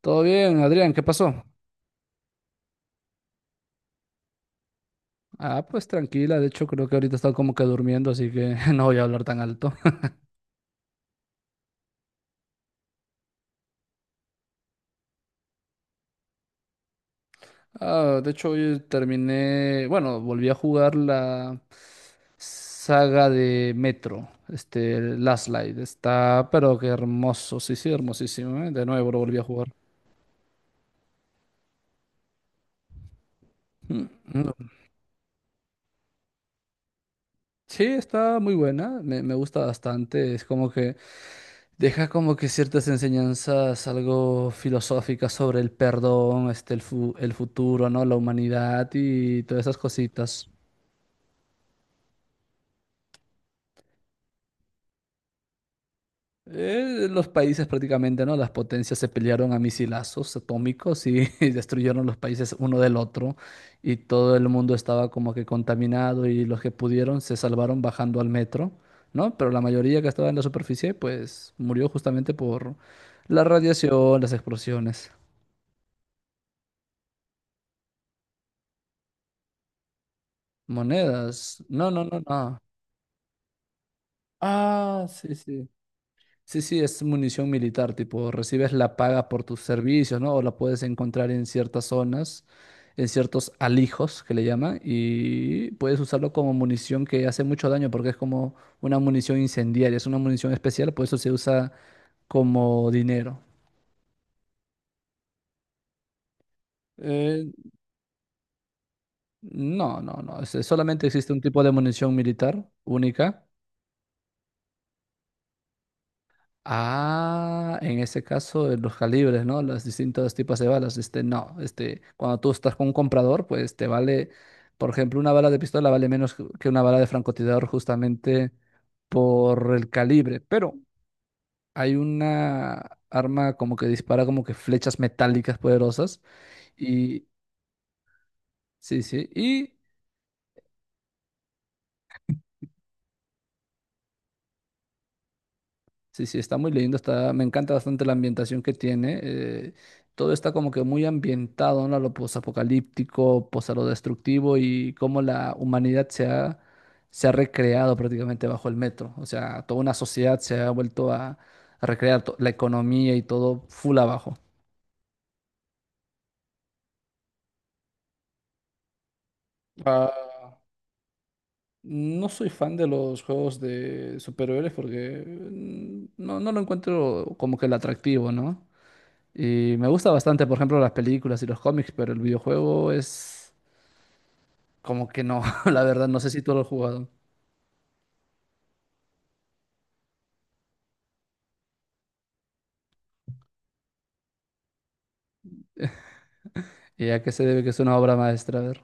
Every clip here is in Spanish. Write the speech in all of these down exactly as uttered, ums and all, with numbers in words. Todo bien, Adrián, ¿qué pasó? Ah, pues tranquila, de hecho creo que ahorita está como que durmiendo, así que no voy a hablar tan alto. Ah, de hecho hoy terminé, bueno, volví a jugar la saga de Metro, este, el Last Light, está, pero qué hermoso, sí, sí, hermosísimo, ¿eh? De nuevo lo volví a jugar. Mm, mm. Sí, está muy buena, me, me gusta bastante, es como que deja como que ciertas enseñanzas algo filosóficas sobre el perdón, este, el fu- el futuro, ¿no? La humanidad y todas esas cositas. Eh, los países prácticamente, ¿no? Las potencias se pelearon a misilazos atómicos y, y destruyeron los países uno del otro, y todo el mundo estaba como que contaminado, y los que pudieron se salvaron bajando al metro, ¿no? Pero la mayoría que estaba en la superficie pues murió justamente por la radiación, las explosiones. Monedas. No, no, no, no. Ah, sí, sí. Sí, sí, es munición militar, tipo, recibes la paga por tus servicios, ¿no? O la puedes encontrar en ciertas zonas, en ciertos alijos que le llaman, y puedes usarlo como munición que hace mucho daño porque es como una munición incendiaria, es una munición especial, por eso se usa como dinero. Eh, no, no, no, es- solamente existe un tipo de munición militar única. Ah, en ese caso, de los calibres, ¿no? Los distintos tipos de balas. Este, no, este, cuando tú estás con un comprador, pues te vale, por ejemplo, una bala de pistola vale menos que que una bala de francotirador justamente por el calibre. Pero hay una arma como que dispara como que flechas metálicas poderosas. Y sí, sí. Sí, sí, está muy lindo, está, me encanta bastante la ambientación que tiene. Eh, todo está como que muy ambientado, ¿no? A lo posapocalíptico, pues a lo destructivo, y cómo la humanidad se ha, se ha recreado prácticamente bajo el metro. O sea, toda una sociedad se ha vuelto a, a recrear to- la economía y todo full abajo. Ah, no soy fan de los juegos de superhéroes porque mm, no, no lo encuentro como que el atractivo, ¿no? Y me gusta bastante, por ejemplo, las películas y los cómics, pero el videojuego es como que no, la verdad, no sé si tú lo has jugado. ¿Y a qué se debe que es una obra maestra? A ver.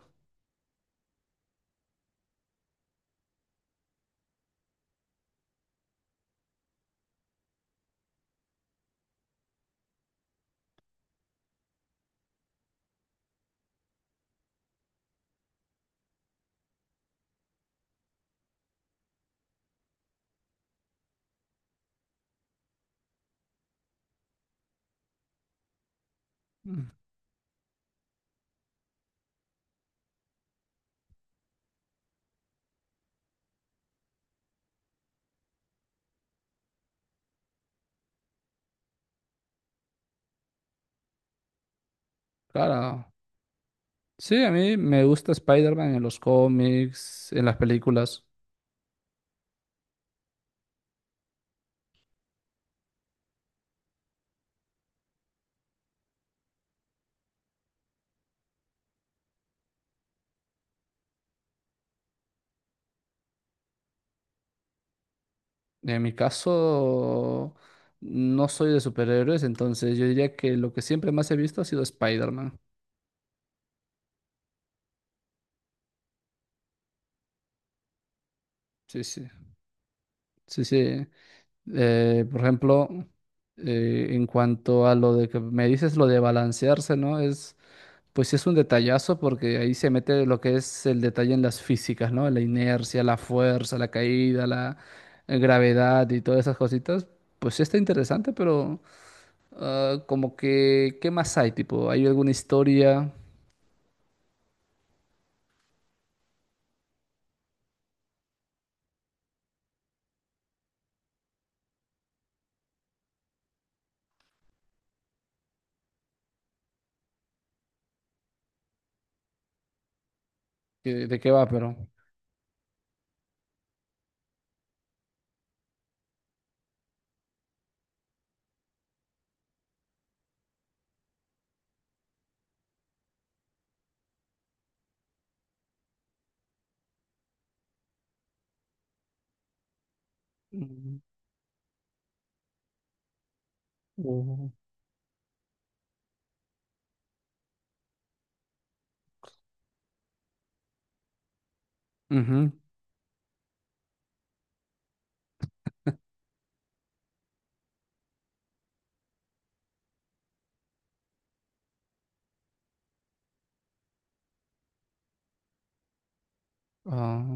Mm, Claro. Sí, a mí me gusta Spider-Man en los cómics, en las películas. En mi caso, no soy de superhéroes, entonces yo diría que lo que siempre más he visto ha sido Spider-Man. Sí, sí. Sí, sí. Eh, por ejemplo, eh, en cuanto a lo de que me dices, lo de balancearse, ¿no? Es. Pues sí es un detallazo porque ahí se mete lo que es el detalle en las físicas, ¿no? La inercia, la fuerza, la caída, la eh, gravedad y todas esas cositas. Pues sí está interesante, pero ah, como que, ¿qué más hay? Tipo, ¿hay alguna historia? ¿Qué- ¿De qué va, pero? Mm, o- ujú. Ah,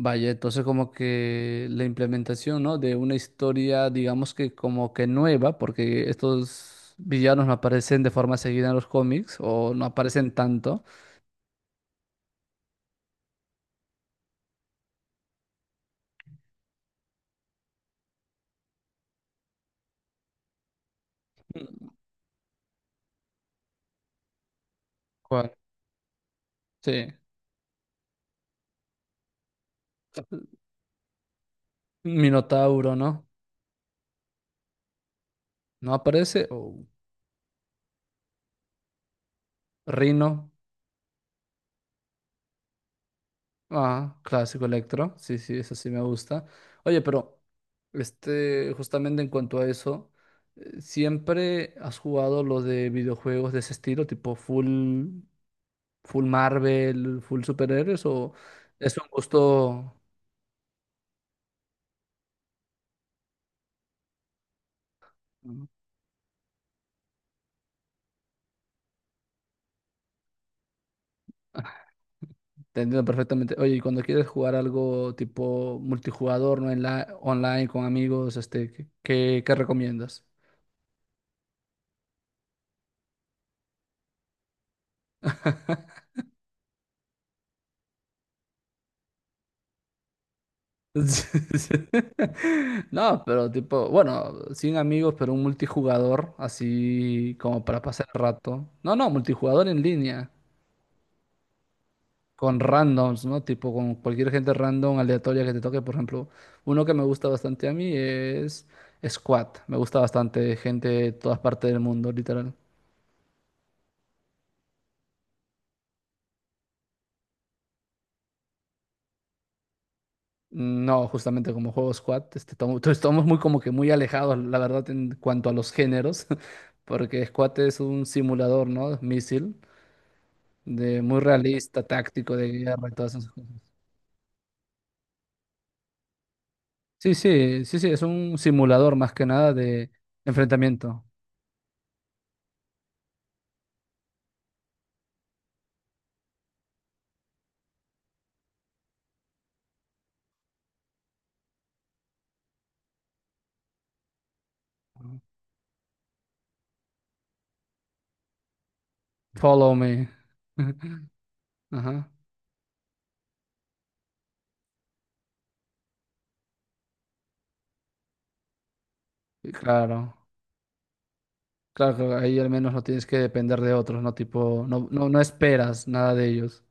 vaya, entonces como que la implementación, ¿no? De una historia, digamos que como que nueva, porque estos villanos no aparecen de forma seguida en los cómics o no aparecen tanto. ¿Cuál? Sí. Minotauro, ¿no? ¿No aparece? O rino. Ah, clásico Electro. Sí, sí, eso sí me gusta. Oye, pero este, justamente en cuanto a eso, eh, ¿siempre has jugado lo de videojuegos de ese estilo, tipo full? ¿Full Marvel, full superhéroes o es un gusto? Mm. Ajá, te entiendo perfectamente. Oye, y cuando quieres jugar algo tipo multijugador, ¿no? En la, online con amigos, este, ¿qué, qué- qué recomiendas? No, pero tipo, bueno, sin amigos, pero un multijugador, así como para pasar el rato. No, no, multijugador en línea. Con randoms, ¿no? Tipo con cualquier gente random, aleatoria que te toque. Por ejemplo, uno que me gusta bastante a mí es Squad. Me gusta bastante, gente de todas partes del mundo, literal. No, justamente como juego Squad, este, tomo- to- estamos muy como que muy alejados, la verdad, en cuanto a los géneros, porque Squad es un simulador, ¿no? Misil, de muy realista, táctico, de guerra y todas esas cosas. Sí, sí, sí, sí, es un simulador más que nada de enfrentamiento. Follow me. Ajá. Y claro, claro, que ahí al menos no tienes que depender de otros, ¿no? Tipo, no, no, no esperas nada de ellos.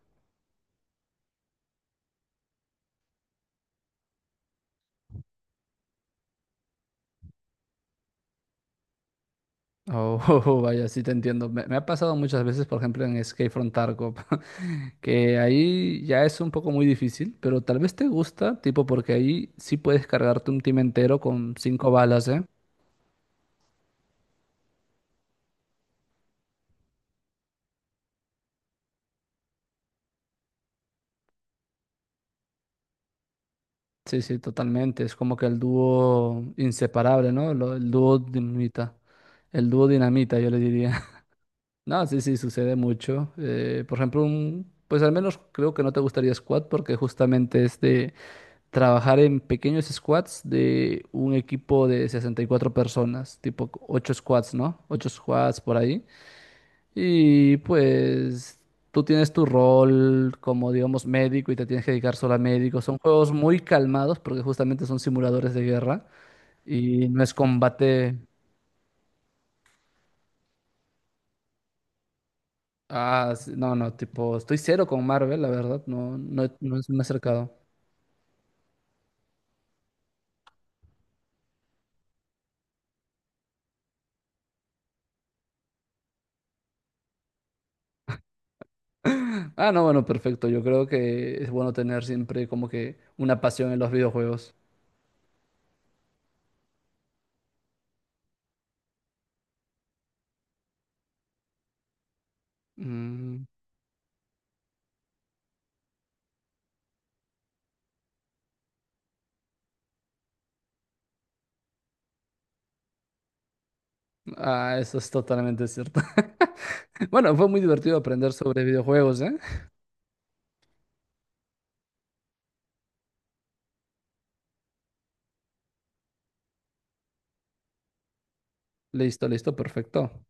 Oh, vaya, sí te entiendo. Me, me ha pasado muchas veces, por ejemplo, en Escape from Tarkov, que ahí ya es un poco muy difícil, pero tal vez te gusta, tipo, porque ahí sí puedes cargarte un team entero con cinco balas, ¿eh? Sí, sí, totalmente. Es como que el dúo inseparable, ¿no? Lo- el dúo dinamita. El dúo dinamita, yo le diría. No, sí, sí, sucede mucho. Eh, por ejemplo, un, pues al menos creo que no te gustaría squat porque justamente es de trabajar en pequeños squats de un equipo de sesenta y cuatro personas, tipo ocho squats, ¿no? Ocho squats por ahí. Y pues tú tienes tu rol como, digamos, médico, y te tienes que dedicar solo a médico. Son juegos muy calmados porque justamente son simuladores de guerra y no es combate. Ah, sí, no, no, tipo, estoy cero con Marvel, la verdad, no, no, he- no es- me he acercado. Ah, no, bueno, perfecto. Yo creo que es bueno tener siempre como que una pasión en los videojuegos. Mm, ah, eso es totalmente cierto. Bueno, fue muy divertido aprender sobre videojuegos, ¿eh? Listo, listo, perfecto.